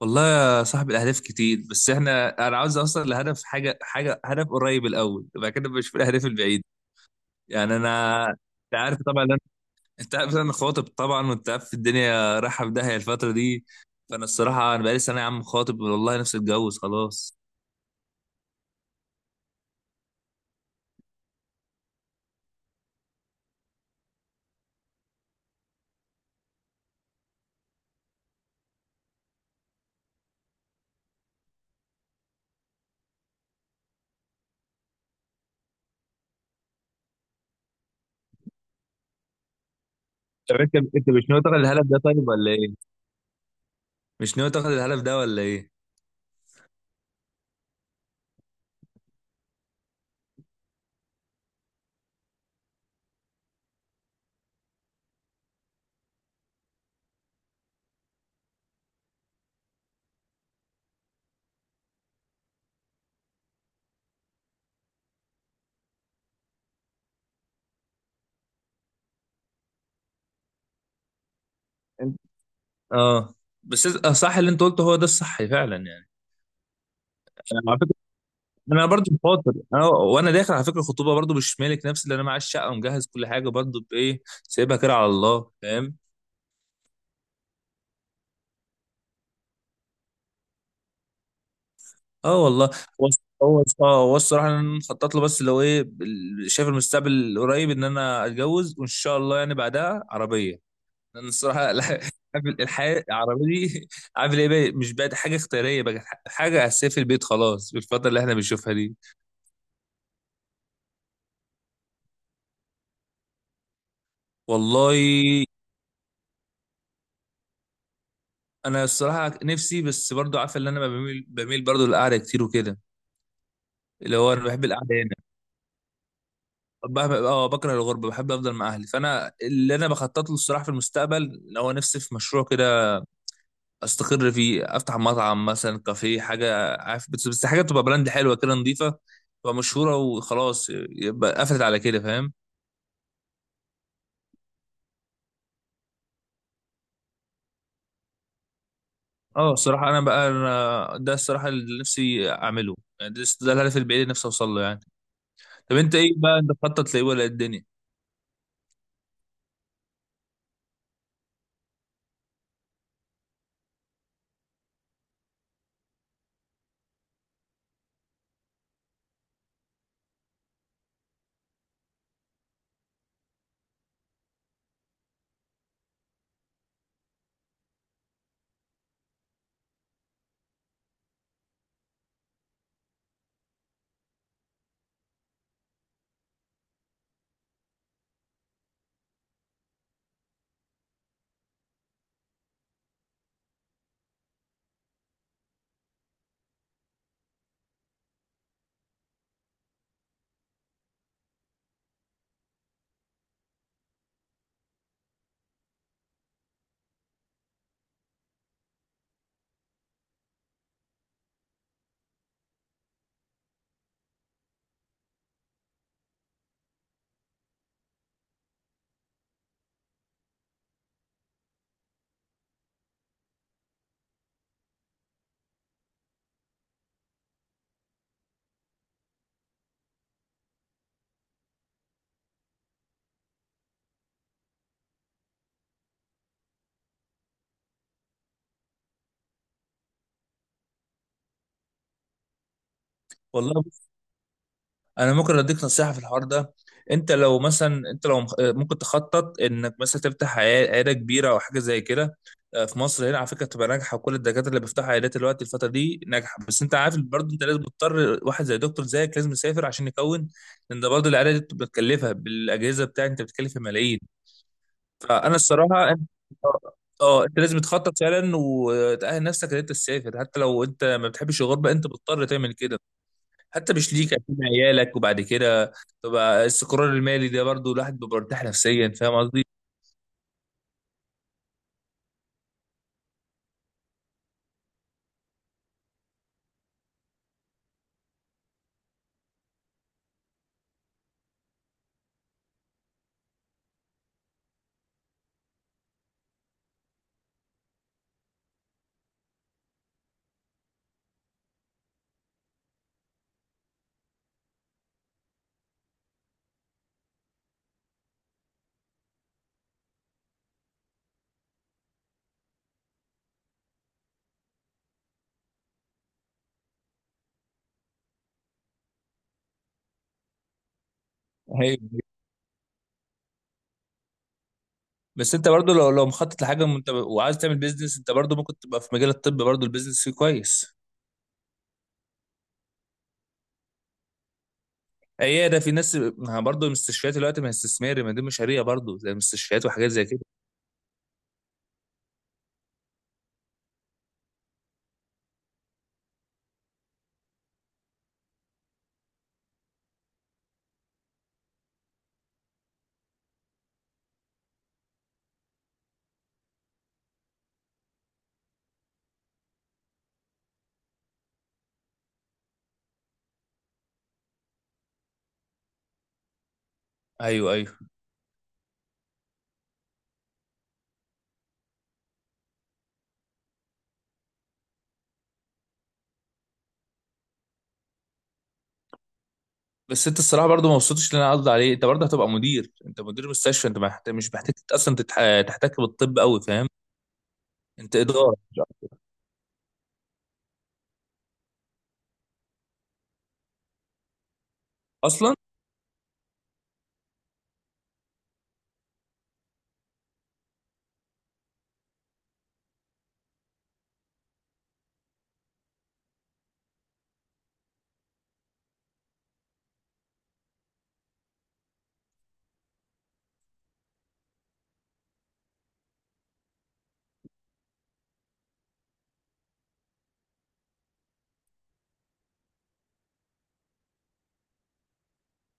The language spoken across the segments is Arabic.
والله يا صاحبي الاهداف كتير بس انا عاوز اوصل لهدف حاجه هدف قريب الاول، وبعد كده بشوف الاهداف البعيده. يعني انا، انت عارف طبعا أنا... انت عارف انا خاطب طبعا، وانت عارف الدنيا رايحه في داهيه الفتره دي. فانا الصراحه انا بقالي سنه يا عم خاطب، والله نفسي اتجوز خلاص. طب انت مش ناوي تاخد الهدف ده طيب ولا ايه؟ مش ناوي تاخد الهدف ده ولا ايه؟ انت. اه، بس صح اللي انت قلته، هو ده الصح فعلا يعني. على فكره انا برضو خاطر، انا وانا داخل على فكره الخطوبه برضو مش مالك نفسي، اللي انا معايا الشقه ومجهز كل حاجه، برضو بايه سايبها كده على الله، فاهم. اه والله. هو هو الصراحه انا مخطط له، بس اللي هو ايه شايف المستقبل القريب ان انا اتجوز، وان شاء الله يعني بعدها عربيه. لان الصراحه الحياه العربيه دي عامل ايه بقى، مش بقت حاجه اختياريه، بقت حاجه اساسيه في البيت خلاص بالفتره اللي احنا بنشوفها دي. والله انا الصراحه نفسي، بس برضو عارف ان انا بميل برضو للقعده كتير وكده. اللي هو انا بحب القعده هنا. اه، بكره الغربه، بحب افضل مع اهلي. فانا اللي انا بخطط له الصراحه في المستقبل اللي هو نفسي في مشروع كده استقر فيه، افتح مطعم مثلا، كافيه، حاجه عارف، بس حاجه تبقى براند حلوه كده، نظيفه، تبقى مشهوره، وخلاص يبقى قفلت على كده، فاهم. اه الصراحه انا بقى، أنا ده الصراحه اللي نفسي اعمله. يعني ده الهدف البعيد اللي نفسي اوصل له يعني. طب انت ايه بقى، انت بتخطط لايه، ولا إيه الدنيا؟ والله انا ممكن اديك نصيحه في الحوار ده. انت لو مثلا، ممكن تخطط انك مثلا تفتح عياده كبيره او حاجه زي كده. آه، في مصر هنا على فكره بتبقى ناجحه، وكل الدكاتره اللي بيفتحوا عيادات دلوقتي الفتره دي ناجحه. بس انت عارف برضه، انت لازم تضطر، واحد زي دكتور زيك لازم يسافر عشان يكون. لان ده برضه العياده دي بتبقى متكلفه، بالاجهزه بتاعك انت بتتكلف في ملايين. فانا الصراحه اه. آه، انت لازم تخطط فعلا وتأهل نفسك ان انت تسافر، حتى لو انت ما بتحبش الغربه انت بتضطر تعمل كده. حتى مش ليك، اكيد عيالك، وبعد كده تبقى السكران المالي ده برضو، الواحد بيبقى مرتاح نفسيا، فاهم قصدي. ايوه. بس انت برضو لو مخطط لحاجه وانت وعايز تعمل بيزنس، انت برضو ممكن تبقى في مجال الطب، برضو البيزنس فيه كويس. هي ده في ناس، ما برضو المستشفيات دلوقتي ما هي استثماري، ما دي مشاريع برضو، زي المستشفيات وحاجات زي كده. ايوه ايوه. بس انت الصراحه برضو ما وصلتش اللي انا قصدي عليه، انت برضو هتبقى مدير، انت مدير مستشفى، انت ما محت... مش محتاج اصلا تتح... تحتك بالطب قوي، فاهم. انت اداره اصلا.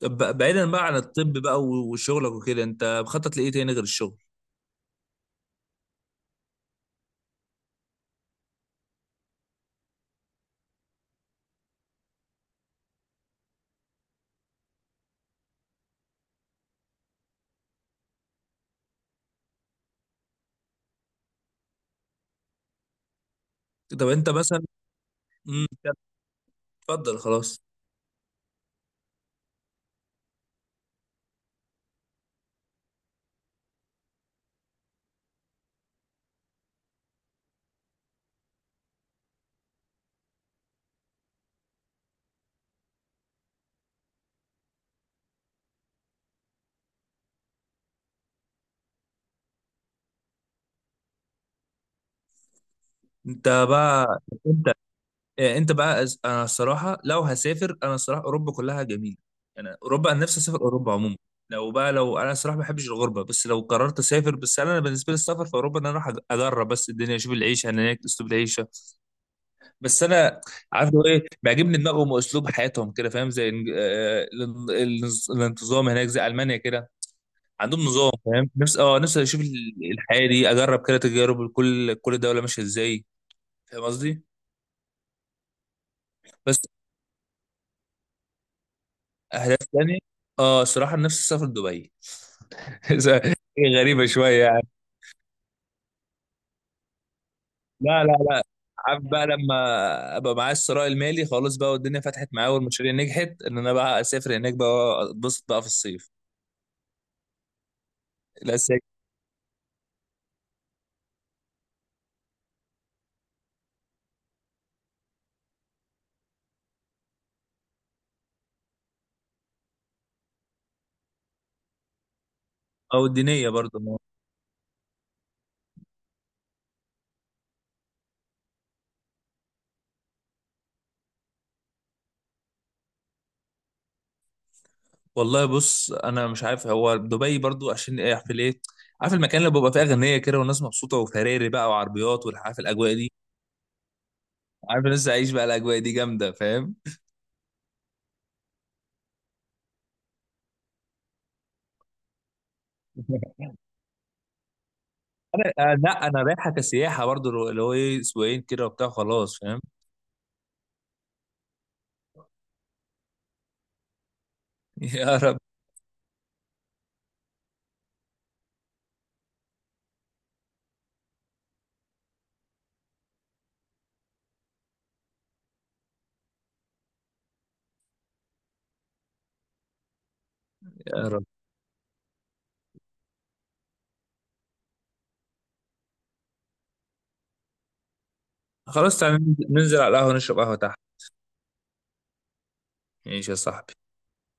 طب بعيدا بقى عن الطب بقى وشغلك وكده، انت مخطط لايه تاني غير الشغل؟ طب انت مثلا. امم اتفضل خلاص. انت بقى، انت اه، انت بقى انا الصراحه لو هسافر، انا الصراحه اوروبا كلها جميله. انا اوروبا، انا نفسي اسافر اوروبا عموما. لو بقى، لو انا الصراحه ما بحبش الغربه، بس لو قررت اسافر، بس انا بالنسبه لي السفر في اوروبا ان انا اروح اجرب بس الدنيا، اشوف العيشه هناك، اسلوب العيشه. بس انا عارف لو ايه بيعجبني، دماغهم واسلوب حياتهم كده، فاهم، زي الانتظام هناك زي المانيا كده. عندهم نظام، فاهم. نفس اه نفسي اشوف الحياه دي، اجرب كده تجارب، كل كل دوله ماشيه ازاي. فاهم قصدي. بس. اهداف تاني. اه الصراحه نفسي اسافر دبي. إيه، غريبه شويه يعني. لا لا لا. عارف بقى لما ابقى معايا الثراء المالي خلاص بقى، والدنيا فتحت معايا والمشاريع نجحت، ان انا بقى اسافر هناك بقى، اتبسط بقى في الصيف. الاساسي. او الدينيه برضه. والله بص، انا مش عارف هو دبي برضو عشان ايه، عارف ليه. عارف المكان اللي بيبقى فيه اغنيه كده، والناس مبسوطه، وفراري بقى وعربيات، والعارف الاجواء دي. عارف الناس تعيش بقى الاجواء دي جامده، فاهم. انا آه، لا انا رايحه كسياحه برضو، اللي هو اللي هو ايه اسبوعين كده وبتاع خلاص، فاهم. يا رب. يا رب. خلاص تعالى ننزل، ننزل على القهوه، نشرب قهوه تحت. ماشي يا صاحبي.